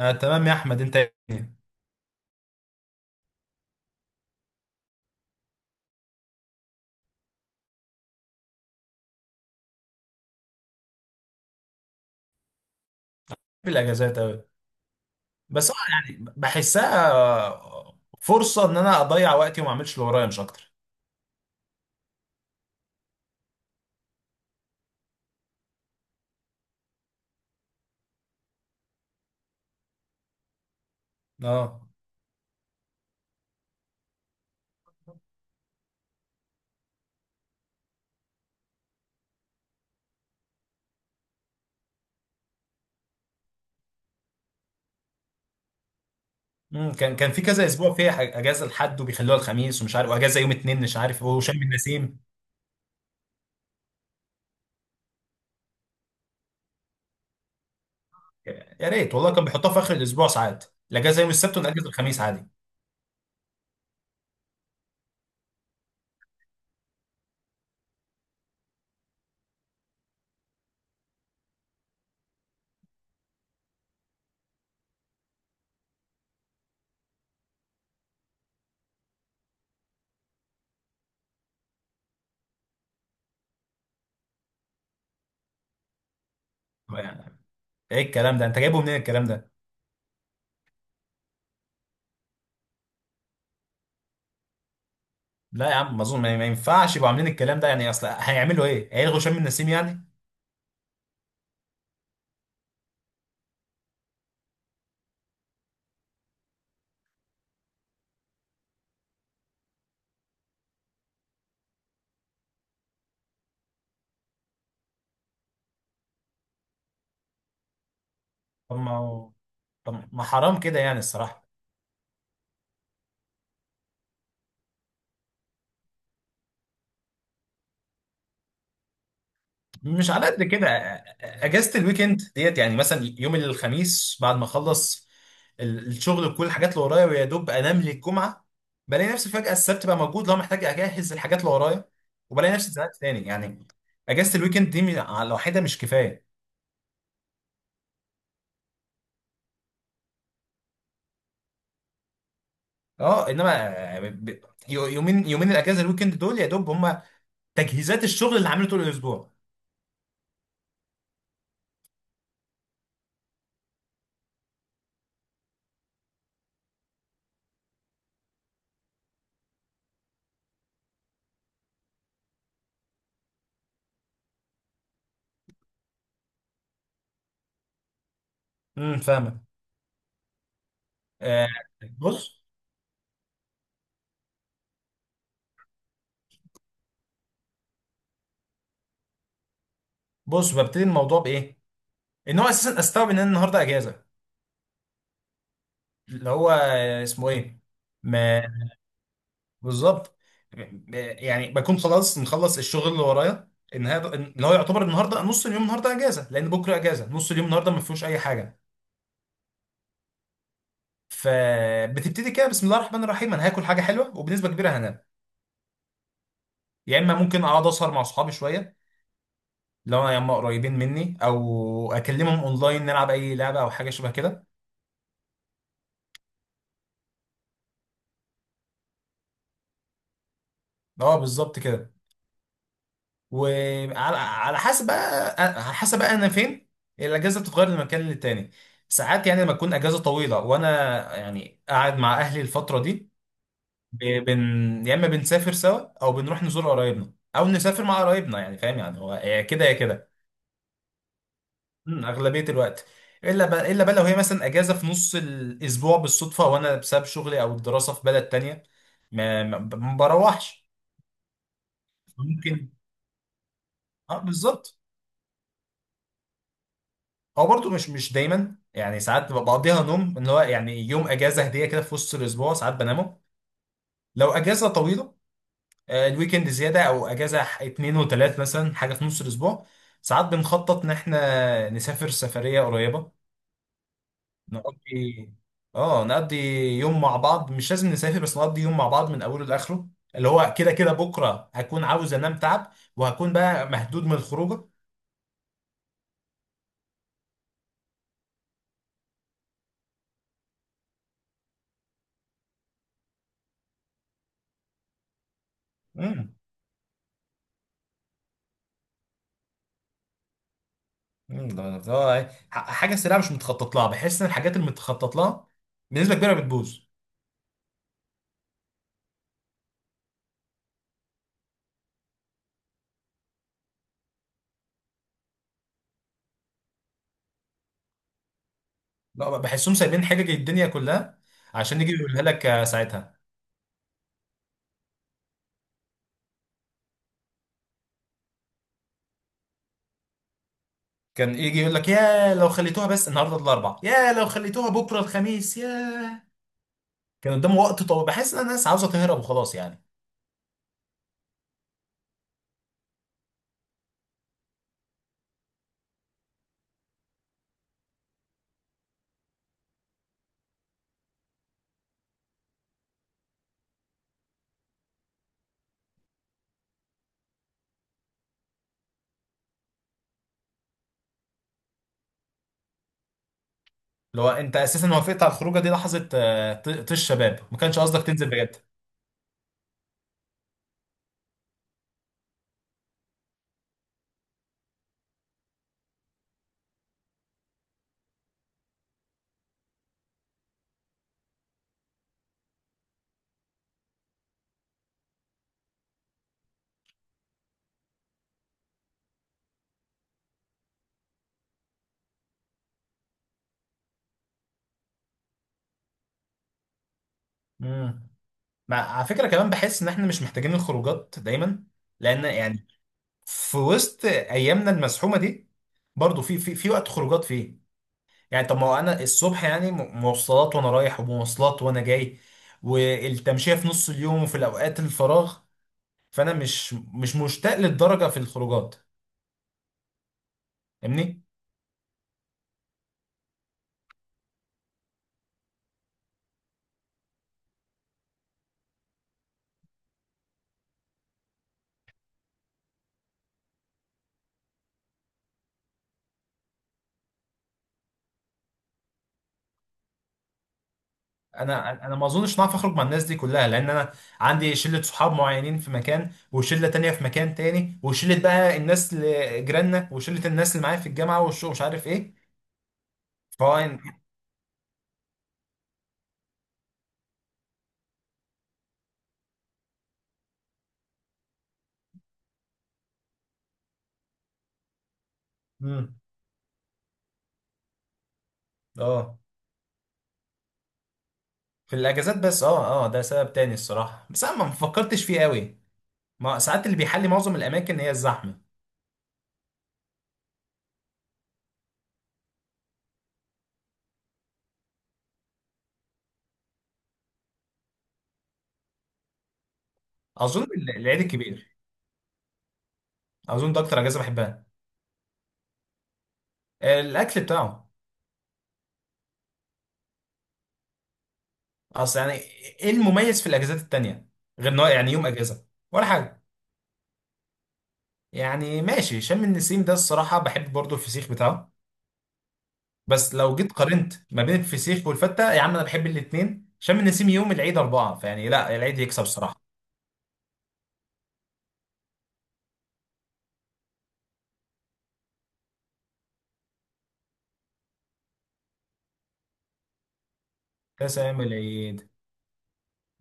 آه تمام يا احمد انت إيه؟ في الاجازات اوي. بس أنا يعني بحسها فرصه ان انا اضيع وقتي وما اعملش اللي ورايا مش اكتر. اه. كان في كذا اسبوع فيها اجازه لحد وبيخلوها الخميس ومش عارف واجازه يوم اتنين مش عارف وشم النسيم. يا ريت والله، كان بيحطوها في اخر الاسبوع ساعات. الاجازه يوم السبت والاجازه الخميس عادي. يعني ايه الكلام ده؟ انت جايبه منين الكلام ده؟ لا يا عم ما اظن، ما ينفعش يبقوا عاملين الكلام ده. يعني اصل هيعملوا ايه، هيلغوا شم النسيم يعني؟ طب ما هو- طب ما حرام كده يعني الصراحه. مش على قد كده. اجازه الويكند ديت يعني مثلا يوم الخميس بعد ما اخلص الشغل وكل الحاجات اللي ورايا ويا دوب انام للجمعه. بلاقي نفسي فجاه السبت بقى موجود، لو محتاج اجهز الحاجات اللي ورايا وبلاقي نفسي اتزنقت تاني يعني. اجازه الويكند دي م- لوحدها مش كفايه. اه. يومين، الاجازه الويكند دول يا دوب هم تجهيزات الشغل اللي عامله طول الاسبوع. امم، فاهمه. آه. بص بص، ببتدي الموضوع بايه؟ ان هو اساسا استوعب ان انا النهارده اجازه. اللي هو اسمه ايه. ما بالظبط. يعني بكون خلاص مخلص الشغل اللي ورايا النهارده، اللي هو يعتبر النهارده نص اليوم، النهارده اجازه لان بكره اجازه، نص اليوم النهارده ما فيهوش اي حاجه. فبتبتدي كده بسم الله الرحمن الرحيم، انا هاكل حاجه حلوه وبنسبه كبيره هنام. يا اما ممكن اقعد اسهر مع اصحابي شويه، لو انا يا اما قريبين مني او اكلمهم اونلاين نلعب اي لعبه او حاجه شبه كده. اه بالظبط كده. وعلى على حسب بقى انا فين، الاجازه بتتغير من مكان للتاني. ساعات يعني لما تكون اجازه طويله وانا يعني قاعد مع اهلي الفتره دي، ب- بن يا اما بنسافر سوا او بنروح نزور قرايبنا او نسافر مع قرايبنا. يعني فاهم يعني هو يا كده يا كده. مم، اغلبيه الوقت. الا بقى، الا بقى لو هي مثلا اجازه في نص الاسبوع بالصدفه وانا بسبب شغلي او الدراسه في بلد تانية، ما بروحش. ممكن، اه بالظبط. هو برضه مش دايما يعني، ساعات ببقى بقضيها نوم، ان هو يعني يوم اجازه هديه كده في وسط الاسبوع ساعات بنامه. لو اجازه طويله، الويكند زياده او اجازه اتنين وتلات مثلا، حاجه في نص الاسبوع ساعات بنخطط ان احنا نسافر سفريه قريبه. نقضي، اه نقضي يوم مع بعض، مش لازم نسافر بس نقضي يوم مع بعض من اوله لاخره، اللي هو كده كده بكره هكون عاوز انام تعب وهكون بقى مهدود من الخروجه. حاجه سريعه مش متخطط لها. بحس ان الحاجات اللي متخطط لها بنسبه كبيره بتبوظ. لا بحسهم سايبين حاجه الدنيا كلها عشان يجي يقولها لك ساعتها. كان يجي يقول لك يا لو خليتوها بس النهارده الاربع، يا لو خليتوها بكره الخميس، يا كان قدامه وقت طويل. بحس ان الناس عاوزه تهرب وخلاص يعني. لو انت اساسا وافقت على الخروجه دي لحظه طيش شباب، ما كانش قصدك تنزل بجد. امم. مع على فكره كمان بحس ان احنا مش محتاجين الخروجات دايما، لان يعني في وسط ايامنا المزحومه دي برضه في في وقت خروجات فيه. يعني طب ما هو انا الصبح يعني مواصلات وانا رايح ومواصلات وانا جاي، والتمشية في نص اليوم وفي الاوقات الفراغ. فانا مش مشتاق للدرجة في الخروجات، فاهمني؟ انا ما اظنش ان اعرف اخرج مع الناس دي كلها، لان انا عندي شلة صحاب معينين في مكان وشلة تانية في مكان تاني وشلة بقى الناس اللي جيراننا وشلة الناس اللي معايا في الجامعة والشغل مش عارف ايه. فهو امم اه. في الاجازات بس، اه اه ده سبب تاني الصراحة بس انا ما فكرتش فيه قوي. ما ساعات اللي بيحلي معظم الاماكن هي الزحمه. اظن العيد الكبير. اظن ده اكتر اجازه بحبها. الاكل بتاعه. اصل يعني ايه المميز في الاجازات التانية غير انه يعني يوم اجازه ولا حاجه؟ يعني ماشي، شم النسيم ده الصراحه بحب برضو الفسيخ بتاعه، بس لو جيت قارنت ما بين الفسيخ والفته يا عم انا بحب الاثنين. شم النسيم يوم، العيد اربعه فيعني، لا العيد يكسب الصراحه. تسام العيد.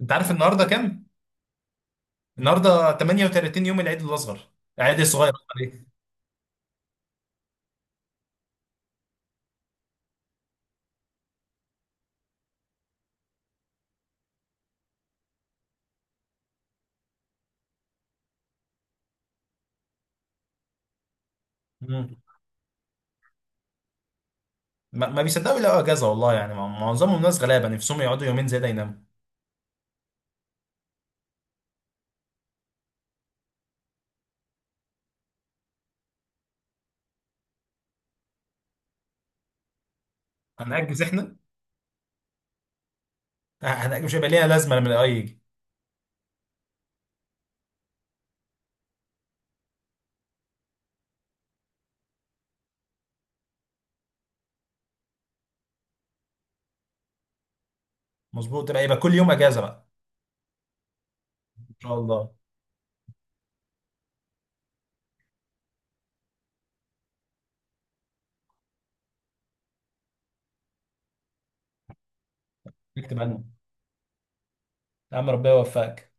انت عارف النهارده كام؟ النهارده 38 يوم العيد الاصغر، العيد الصغير. أمال. إيه؟ ما بيصدقوا يلاقوا اجازه والله، يعني معظمهم ناس غلابه نفسهم يقعدوا يومين زياده يناموا. هنأجز احنا، هنأجز، مش هيبقى ليها لازمه لما الاي يجي. مظبوط، يبقى كل يوم اجازه بقى. ان شاء الله. اكتب عنه. يا عم ربنا يوفقك.